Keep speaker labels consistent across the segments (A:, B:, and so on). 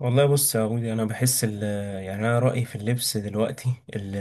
A: والله بص يا عودي انا بحس ال يعني انا رايي في اللبس دلوقتي،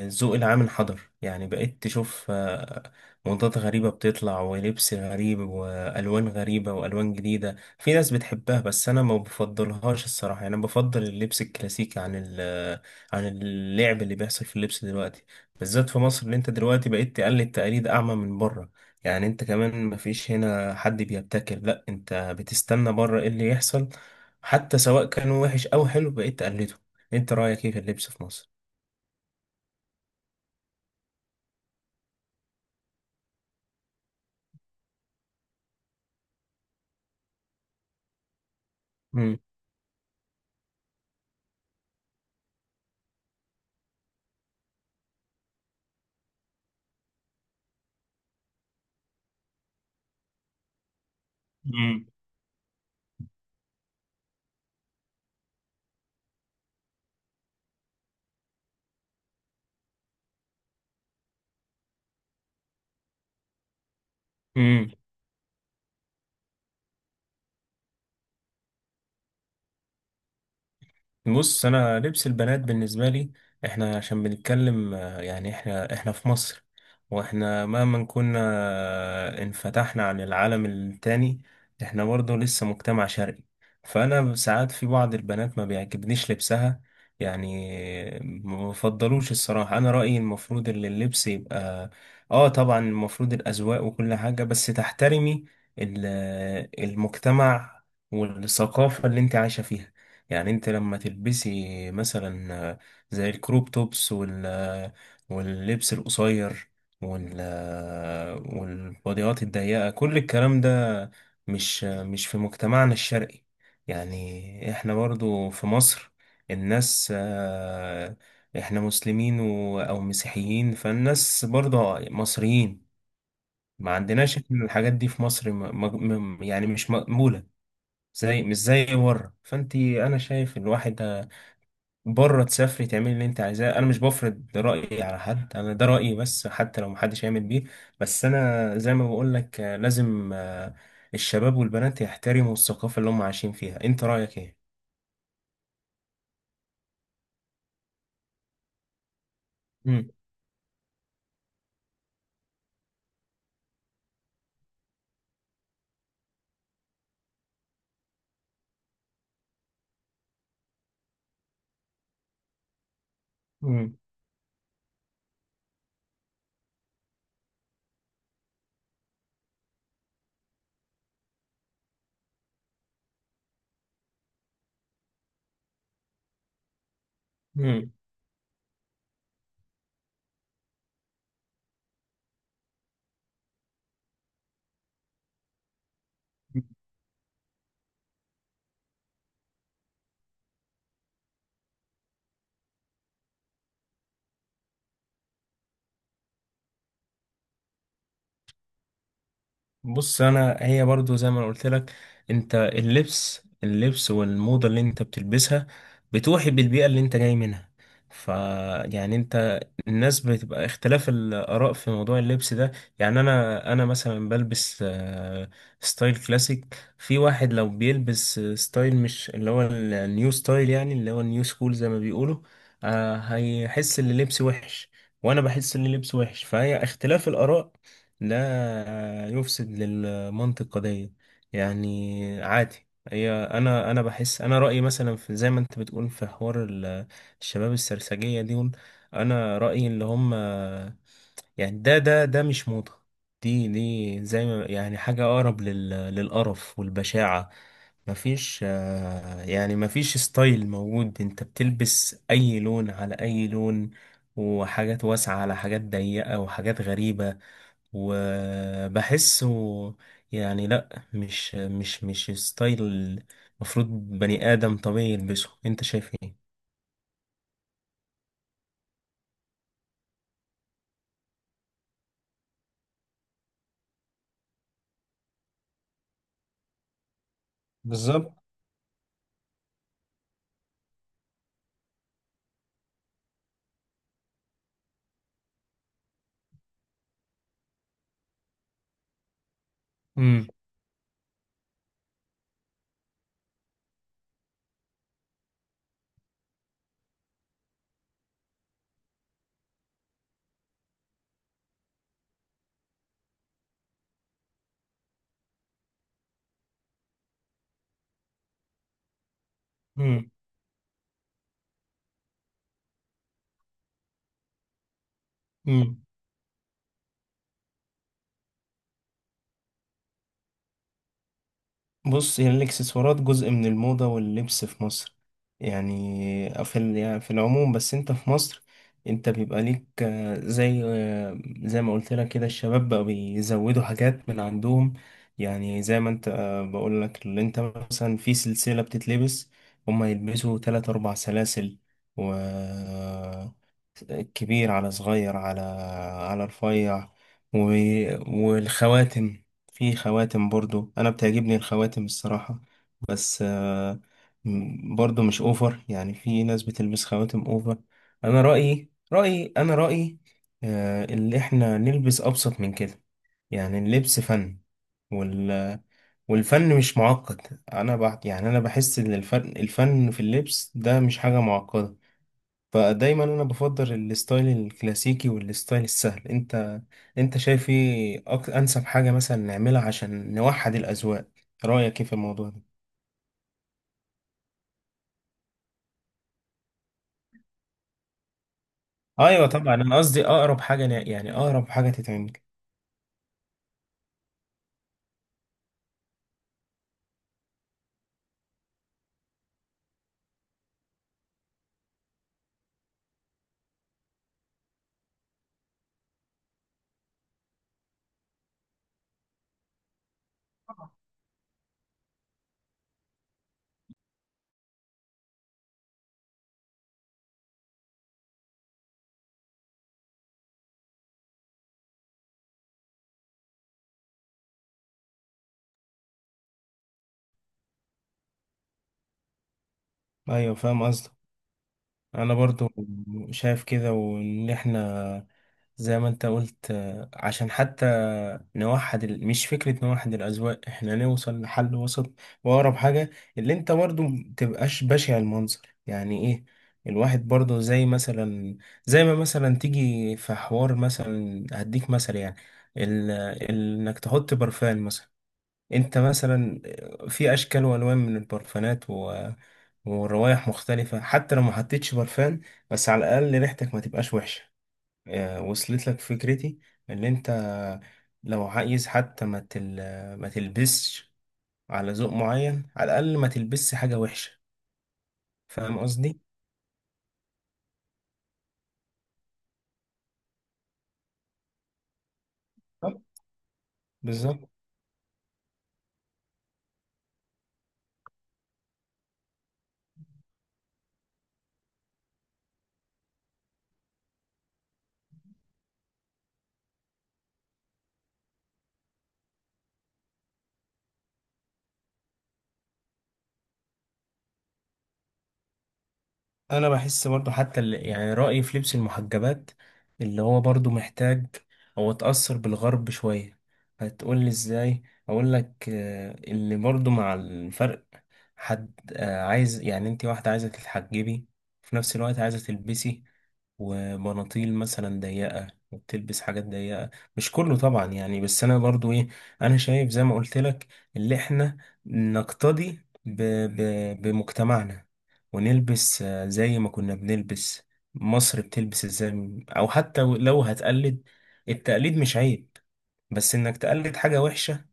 A: الذوق العام انحدر. يعني بقيت تشوف موضات غريبه بتطلع، ولبس غريب، والوان غريبه، والوان جديده، في ناس بتحبها بس انا ما بفضلهاش الصراحه. يعني انا بفضل اللبس الكلاسيكي عن عن اللعب اللي بيحصل في اللبس دلوقتي، بالذات في مصر. اللي انت دلوقتي بقيت تقلد تقاليد اعمى من بره. يعني انت كمان مفيش هنا حد بيبتكر، لا انت بتستنى بره ايه اللي يحصل، حتى سواء كان وحش أو حلو بقيت تقلده. أنت رأيك إيه في اللبس في مصر؟ مم. امم بص انا لبس البنات بالنسبه لي، احنا عشان بنتكلم يعني احنا في مصر. واحنا مهما كنا انفتحنا عن العالم التاني، احنا برضه لسه مجتمع شرقي. فانا ساعات في بعض البنات ما بيعجبنيش لبسها، يعني ما بفضلوش الصراحه. انا رايي المفروض ان اللبس يبقى، اه طبعا المفروض الاذواق وكل حاجه، بس تحترمي المجتمع والثقافه اللي انت عايشه فيها. يعني انت لما تلبسي مثلا زي الكروب توبس واللبس القصير والبوديات الضيقة، كل الكلام ده مش مش في مجتمعنا الشرقي. يعني احنا برضو في مصر الناس، احنا مسلمين او مسيحيين، فالناس برضو مصريين. ما عندناش احنا الحاجات دي في مصر، يعني مش مقبولة. زي مش زي بره، فانت انا شايف الواحد بره تسافري تعملي اللي انت عايزاه، انا مش بفرض رأيي على حد، انا ده رأيي بس حتى لو محدش هيعمل بيه. بس انا زي ما بقول لك لازم الشباب والبنات يحترموا الثقافة اللي هم عايشين فيها. انت رأيك ايه؟ امم امم بص انا، هي برضو زي ما أنا قلت لك، انت اللبس والموضة اللي انت بتلبسها بتوحي بالبيئة اللي انت جاي منها. ف يعني انت الناس بتبقى اختلاف الآراء في موضوع اللبس ده. يعني انا مثلا بلبس ستايل كلاسيك، في واحد لو بيلبس ستايل مش اللي هو النيو ستايل، يعني اللي هو النيو سكول زي ما بيقولوا، هيحس ان لبسي وحش، وانا بحس ان لبسي وحش. فهي اختلاف الآراء لا يفسد للمنطق قضية، يعني عادي. هي انا بحس انا رأيي، مثلا في زي ما انت بتقول في حوار الشباب السرسجية دي، انا رأيي اللي هم يعني ده مش موضة. دي زي ما، يعني حاجة أقرب للقرف والبشاعة. مفيش يعني مفيش ستايل موجود، انت بتلبس أي لون على أي لون، وحاجات واسعة على حاجات ضيقة، وحاجات غريبة، وبحسه يعني لا مش ستايل المفروض بني آدم طبيعي يلبسه. انت شايف ايه؟ بالظبط. امم امم بص، هي الاكسسوارات جزء من الموضة واللبس في مصر، يعني يعني في العموم، بس انت في مصر انت بيبقى ليك زي ما قلت لك كده الشباب بقى بيزودوا حاجات من عندهم. يعني زي ما انت بقول لك، اللي انت مثلا في سلسلة بتتلبس، هما يلبسوا تلات اربع سلاسل، و كبير على صغير على على رفيع و... والخواتم. في خواتم، برضو انا بتعجبني الخواتم الصراحة، بس برضو مش اوفر، يعني في ناس بتلبس خواتم اوفر. انا رأيي اللي احنا نلبس ابسط من كده. يعني اللبس فن، وال والفن مش معقد. انا يعني انا بحس ان الفن في اللبس ده مش حاجة معقدة. فدايما انا بفضل الستايل الكلاسيكي والستايل السهل. انت انت شايف ايه انسب حاجة مثلا نعملها عشان نوحد الاذواق؟ رأيك ايه في الموضوع ده؟ ايوه طبعا انا قصدي اقرب حاجة يعني اقرب حاجة تتعمل. ايوه فاهم قصدك، انا برضو شايف كده، وان احنا زي ما انت قلت عشان حتى نوحد مش فكرة نوحد الأذواق، احنا نوصل لحل وسط وأقرب حاجة، اللي انت برضو متبقاش بشع المنظر. يعني ايه؟ الواحد برضو، زي مثلا، زي ما مثلا تيجي في حوار مثلا هديك مثلا يعني ال... ال... انك تحط برفان مثلا. انت مثلا في اشكال وانواع من البرفانات والروائح مختلفة. حتى لو ما حطيتش برفان، بس على الاقل ريحتك ما تبقاش وحشة. وصلت لك فكرتي؟ ان انت لو عايز حتى ما تلبسش على ذوق معين، على الاقل ما تلبسش حاجة وحشة. فاهم قصدي؟ بالظبط. انا بحس برضو، حتى يعني رأيي في لبس المحجبات، اللي هو برضو محتاج، هو اتأثر بالغرب شوية. هتقول لي ازاي؟ اقول لك اللي برضو مع الفرق، حد عايز، يعني انت واحدة عايزة تتحجبي، في نفس الوقت عايزة تلبسي وبناطيل مثلا ضيقة، وبتلبس حاجات ضيقة. مش كله طبعا يعني، بس أنا برضو إيه، أنا شايف زي ما قلت لك، اللي إحنا نقتدي ب... بمجتمعنا ونلبس زي ما كنا بنلبس. مصر بتلبس ازاي؟ او حتى لو هتقلد، التقليد مش عيب، بس انك تقلد حاجة وحشة،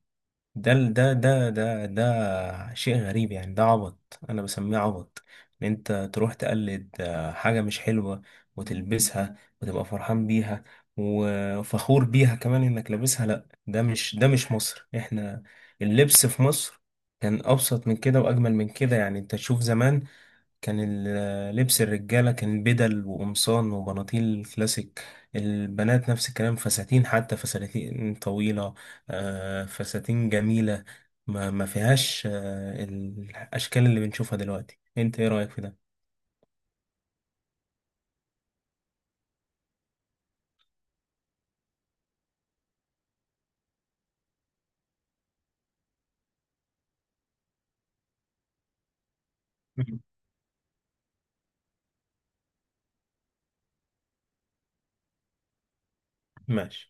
A: ده شيء غريب، يعني ده عبط، انا بسميه عبط ان انت تروح تقلد حاجة مش حلوة وتلبسها، وتبقى فرحان بيها وفخور بيها كمان انك لابسها. لا ده مش مصر احنا. اللبس في مصر كان ابسط من كده واجمل من كده. يعني انت تشوف زمان، كان لبس الرجالة كان بدل وقمصان وبناطيل كلاسيك، البنات نفس الكلام، فساتين، حتى فساتين طويلة، فساتين جميلة. ما فيهاش الأشكال اللي بنشوفها دلوقتي. انت ايه رأيك في ده؟ مم. ماشي.